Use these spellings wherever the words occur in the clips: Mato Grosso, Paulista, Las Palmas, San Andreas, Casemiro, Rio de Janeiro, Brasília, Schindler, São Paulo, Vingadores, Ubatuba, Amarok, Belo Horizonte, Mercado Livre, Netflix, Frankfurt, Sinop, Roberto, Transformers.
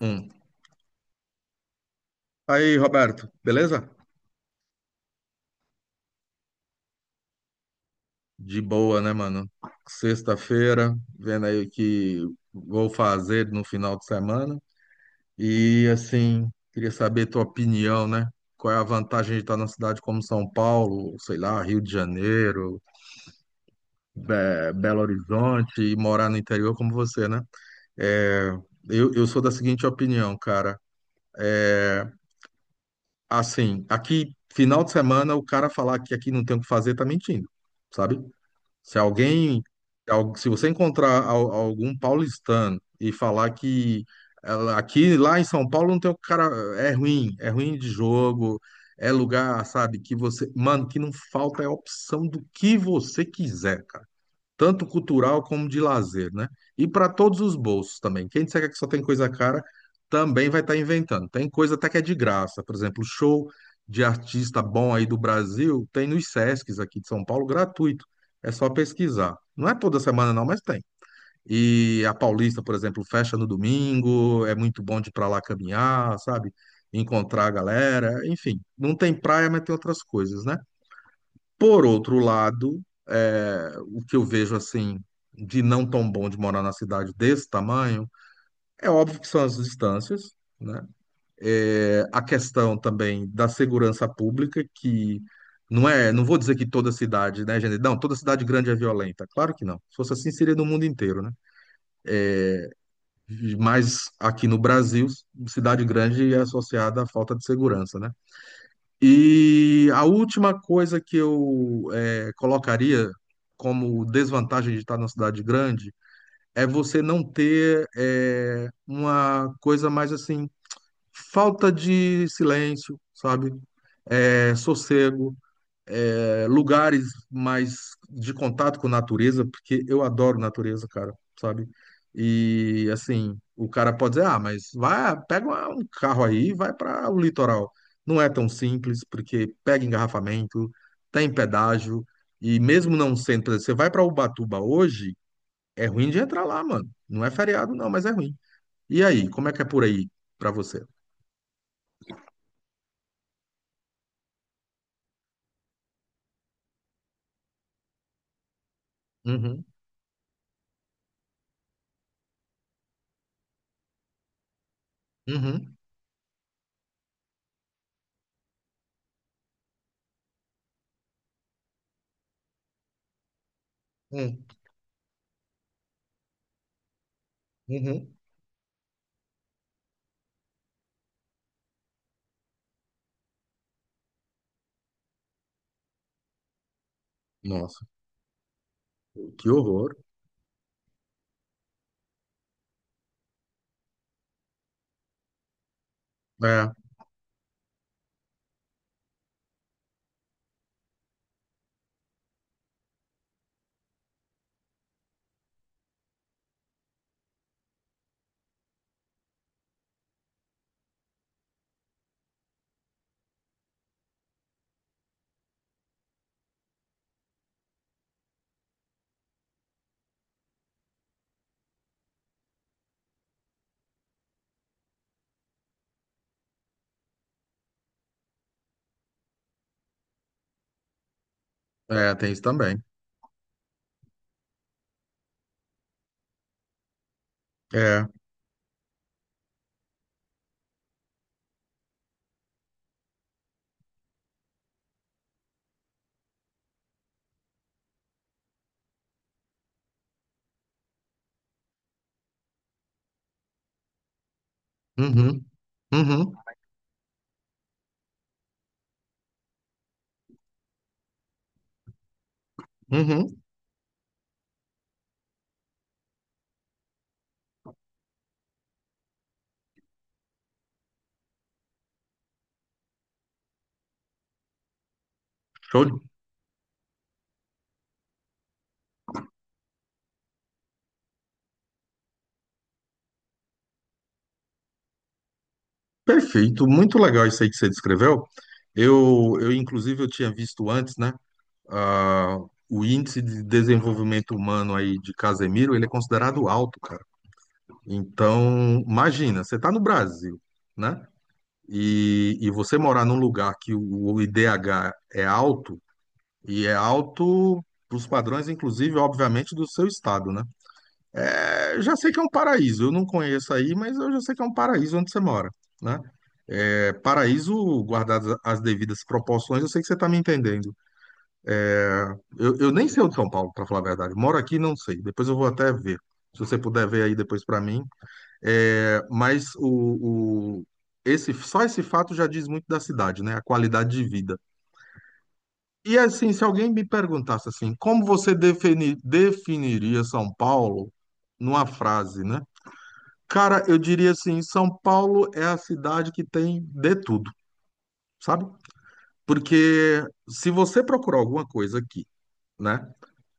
Hum. Aí, Roberto, beleza? De boa, né, mano? Sexta-feira, vendo aí o que vou fazer no final de semana. E, assim, queria saber tua opinião, né? Qual é a vantagem de estar numa cidade como São Paulo, sei lá, Rio de Janeiro, Belo Horizonte e morar no interior como você, né? É, eu sou da seguinte opinião, cara. Assim, aqui, final de semana, o cara falar que aqui não tem o que fazer tá mentindo, sabe? Se alguém, se você encontrar algum paulistano e falar que aqui lá em São Paulo não tem o cara, é ruim de jogo, é lugar, sabe, que você, mano, que não falta é opção do que você quiser, cara tanto cultural como de lazer, né? E para todos os bolsos também. Quem disser que só tem coisa cara, também vai estar inventando. Tem coisa até que é de graça, por exemplo, show de artista bom aí do Brasil, tem nos Sescs aqui de São Paulo, gratuito. É só pesquisar. Não é toda semana não, mas tem. E a Paulista, por exemplo, fecha no domingo, é muito bom de ir para lá caminhar, sabe? Encontrar a galera, enfim. Não tem praia, mas tem outras coisas, né? Por outro lado, é, o que eu vejo assim de não tão bom de morar na cidade desse tamanho, é óbvio que são as distâncias, né? É, a questão também da segurança pública, que não é, não vou dizer que toda cidade, né, gente? Não, toda cidade grande é violenta. Claro que não. Se fosse assim, seria no mundo inteiro, né? Mas aqui no Brasil, cidade grande é associada à falta de segurança, né? E a última coisa que eu colocaria como desvantagem de estar na cidade grande é você não ter uma coisa mais assim, falta de silêncio, sabe? Sossego é, lugares mais de contato com natureza, porque eu adoro natureza, cara, sabe? E assim, o cara pode dizer, ah, mas vai, pega um carro aí e vai para o litoral. Não é tão simples, porque pega engarrafamento, tem pedágio, e mesmo não sendo, por exemplo, você vai para Ubatuba hoje, é ruim de entrar lá, mano. Não é feriado, não, mas é ruim. E aí, como é que é por aí para você? Uhum, uhum, uhum, uhum. Nossa, que horror. É. É, tem isso também. É. Uhum, uhum, uhum. Show. Perfeito. Muito legal isso aí que você descreveu. Eu inclusive, eu tinha visto antes, né? Ah, o índice de desenvolvimento humano aí de Casemiro, ele é considerado alto, cara. Então, imagina, você está no Brasil, né? E você morar num lugar que o IDH é alto, e é alto para os padrões, inclusive, obviamente, do seu estado, né? É, já sei que é um paraíso. Eu não conheço aí, mas eu já sei que é um paraíso onde você mora, né? É, paraíso, guardadas as devidas proporções, eu sei que você está me entendendo. É, eu nem sei onde é São Paulo, para falar a verdade. Moro aqui, e não sei. Depois eu vou até ver. Se você puder ver aí depois para mim. É, mas esse, só esse fato já diz muito da cidade, né? A qualidade de vida. E assim, se alguém me perguntasse assim, como você definiria São Paulo numa frase, né? Cara, eu diria assim, São Paulo é a cidade que tem de tudo, sabe? Porque se você procurar alguma coisa aqui, né,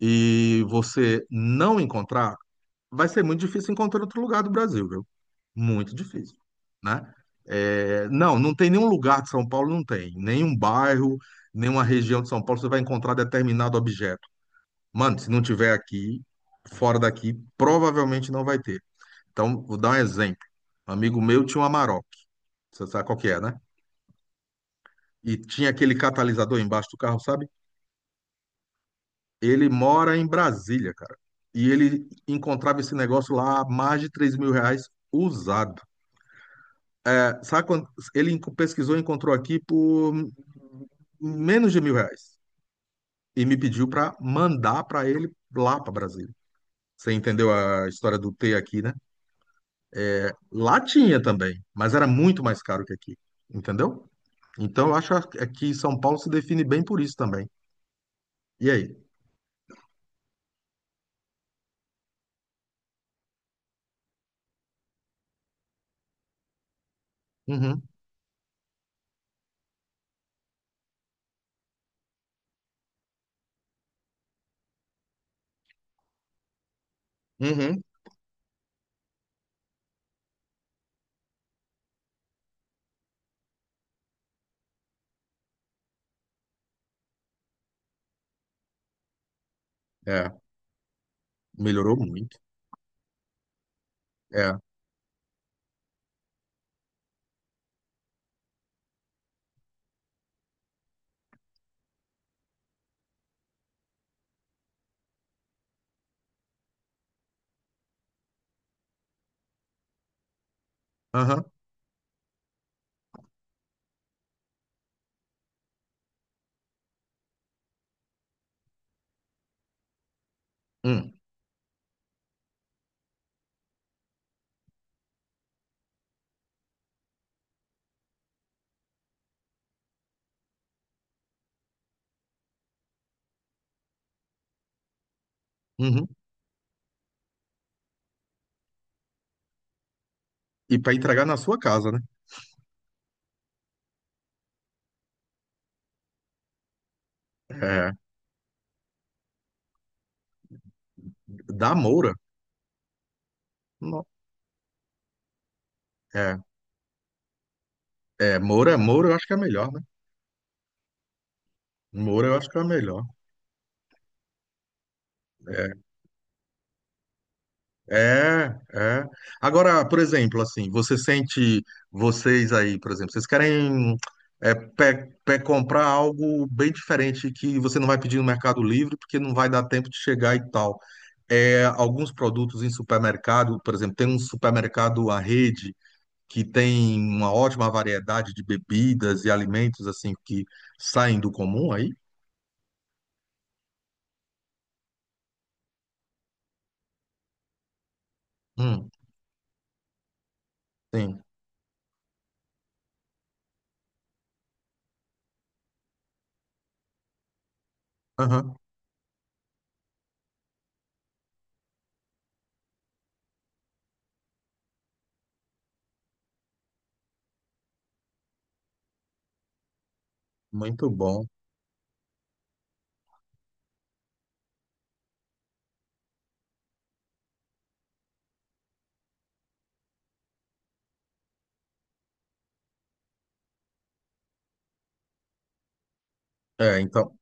e você não encontrar, vai ser muito difícil encontrar em outro lugar do Brasil, viu? Muito difícil, né? É, não, não tem nenhum lugar de São Paulo, não tem. Nenhum bairro, nenhuma região de São Paulo você vai encontrar determinado objeto. Mano, se não tiver aqui, fora daqui, provavelmente não vai ter. Então, vou dar um exemplo. Um amigo meu tinha uma Amarok. Você sabe qual que é, né? E tinha aquele catalisador embaixo do carro, sabe? Ele mora em Brasília, cara. E ele encontrava esse negócio lá a mais de R$ 3.000 usado. É, sabe quando ele pesquisou e encontrou aqui por menos de R$ 1.000. E me pediu para mandar para ele lá para Brasília. Você entendeu a história do T aqui, né? Lá tinha também, mas era muito mais caro que aqui. Entendeu? Então, eu acho que é que São Paulo se define bem por isso também. E aí? Uhum, uhum, é, melhorou muito. É, aham, hum, uhum. E para entregar na sua casa, né? É, da Moura. Não. É, é, Moura, Moura eu acho que é melhor, né? Moura eu acho que é melhor. É, é. Agora, por exemplo, assim, você sente, vocês aí, por exemplo, vocês querem é, comprar algo bem diferente que você não vai pedir no Mercado Livre porque não vai dar tempo de chegar e tal. É, alguns produtos em supermercado, por exemplo, tem um supermercado à rede que tem uma ótima variedade de bebidas e alimentos assim que saem do comum aí? Hum, sim. Aham, muito bom. É, então,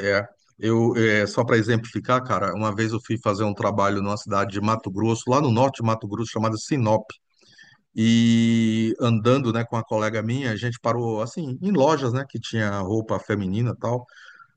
é, eu é, só para exemplificar, cara, uma vez eu fui fazer um trabalho numa cidade de Mato Grosso, lá no norte de Mato Grosso, chamada Sinop. E andando, né, com a colega minha, a gente parou assim em lojas, né, que tinha roupa feminina e tal.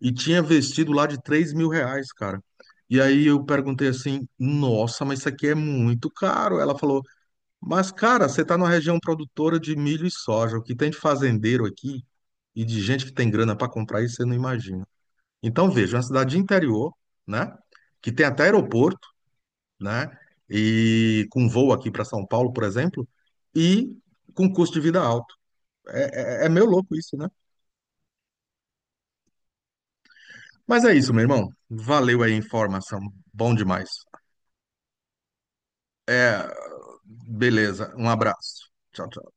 E tinha vestido lá de R$ 3.000, cara. E aí eu perguntei assim, nossa, mas isso aqui é muito caro. Ela falou, mas cara, você tá numa região produtora de milho e soja. O que tem de fazendeiro aqui e de gente que tem grana para comprar isso, você não imagina. Então veja, uma cidade de interior, né? Que tem até aeroporto, né? E com voo aqui para São Paulo, por exemplo, e com custo de vida alto. É, é, é meio louco isso, né? Mas é isso, meu irmão. Valeu aí a informação. Bom demais. Beleza, um abraço. Tchau, tchau.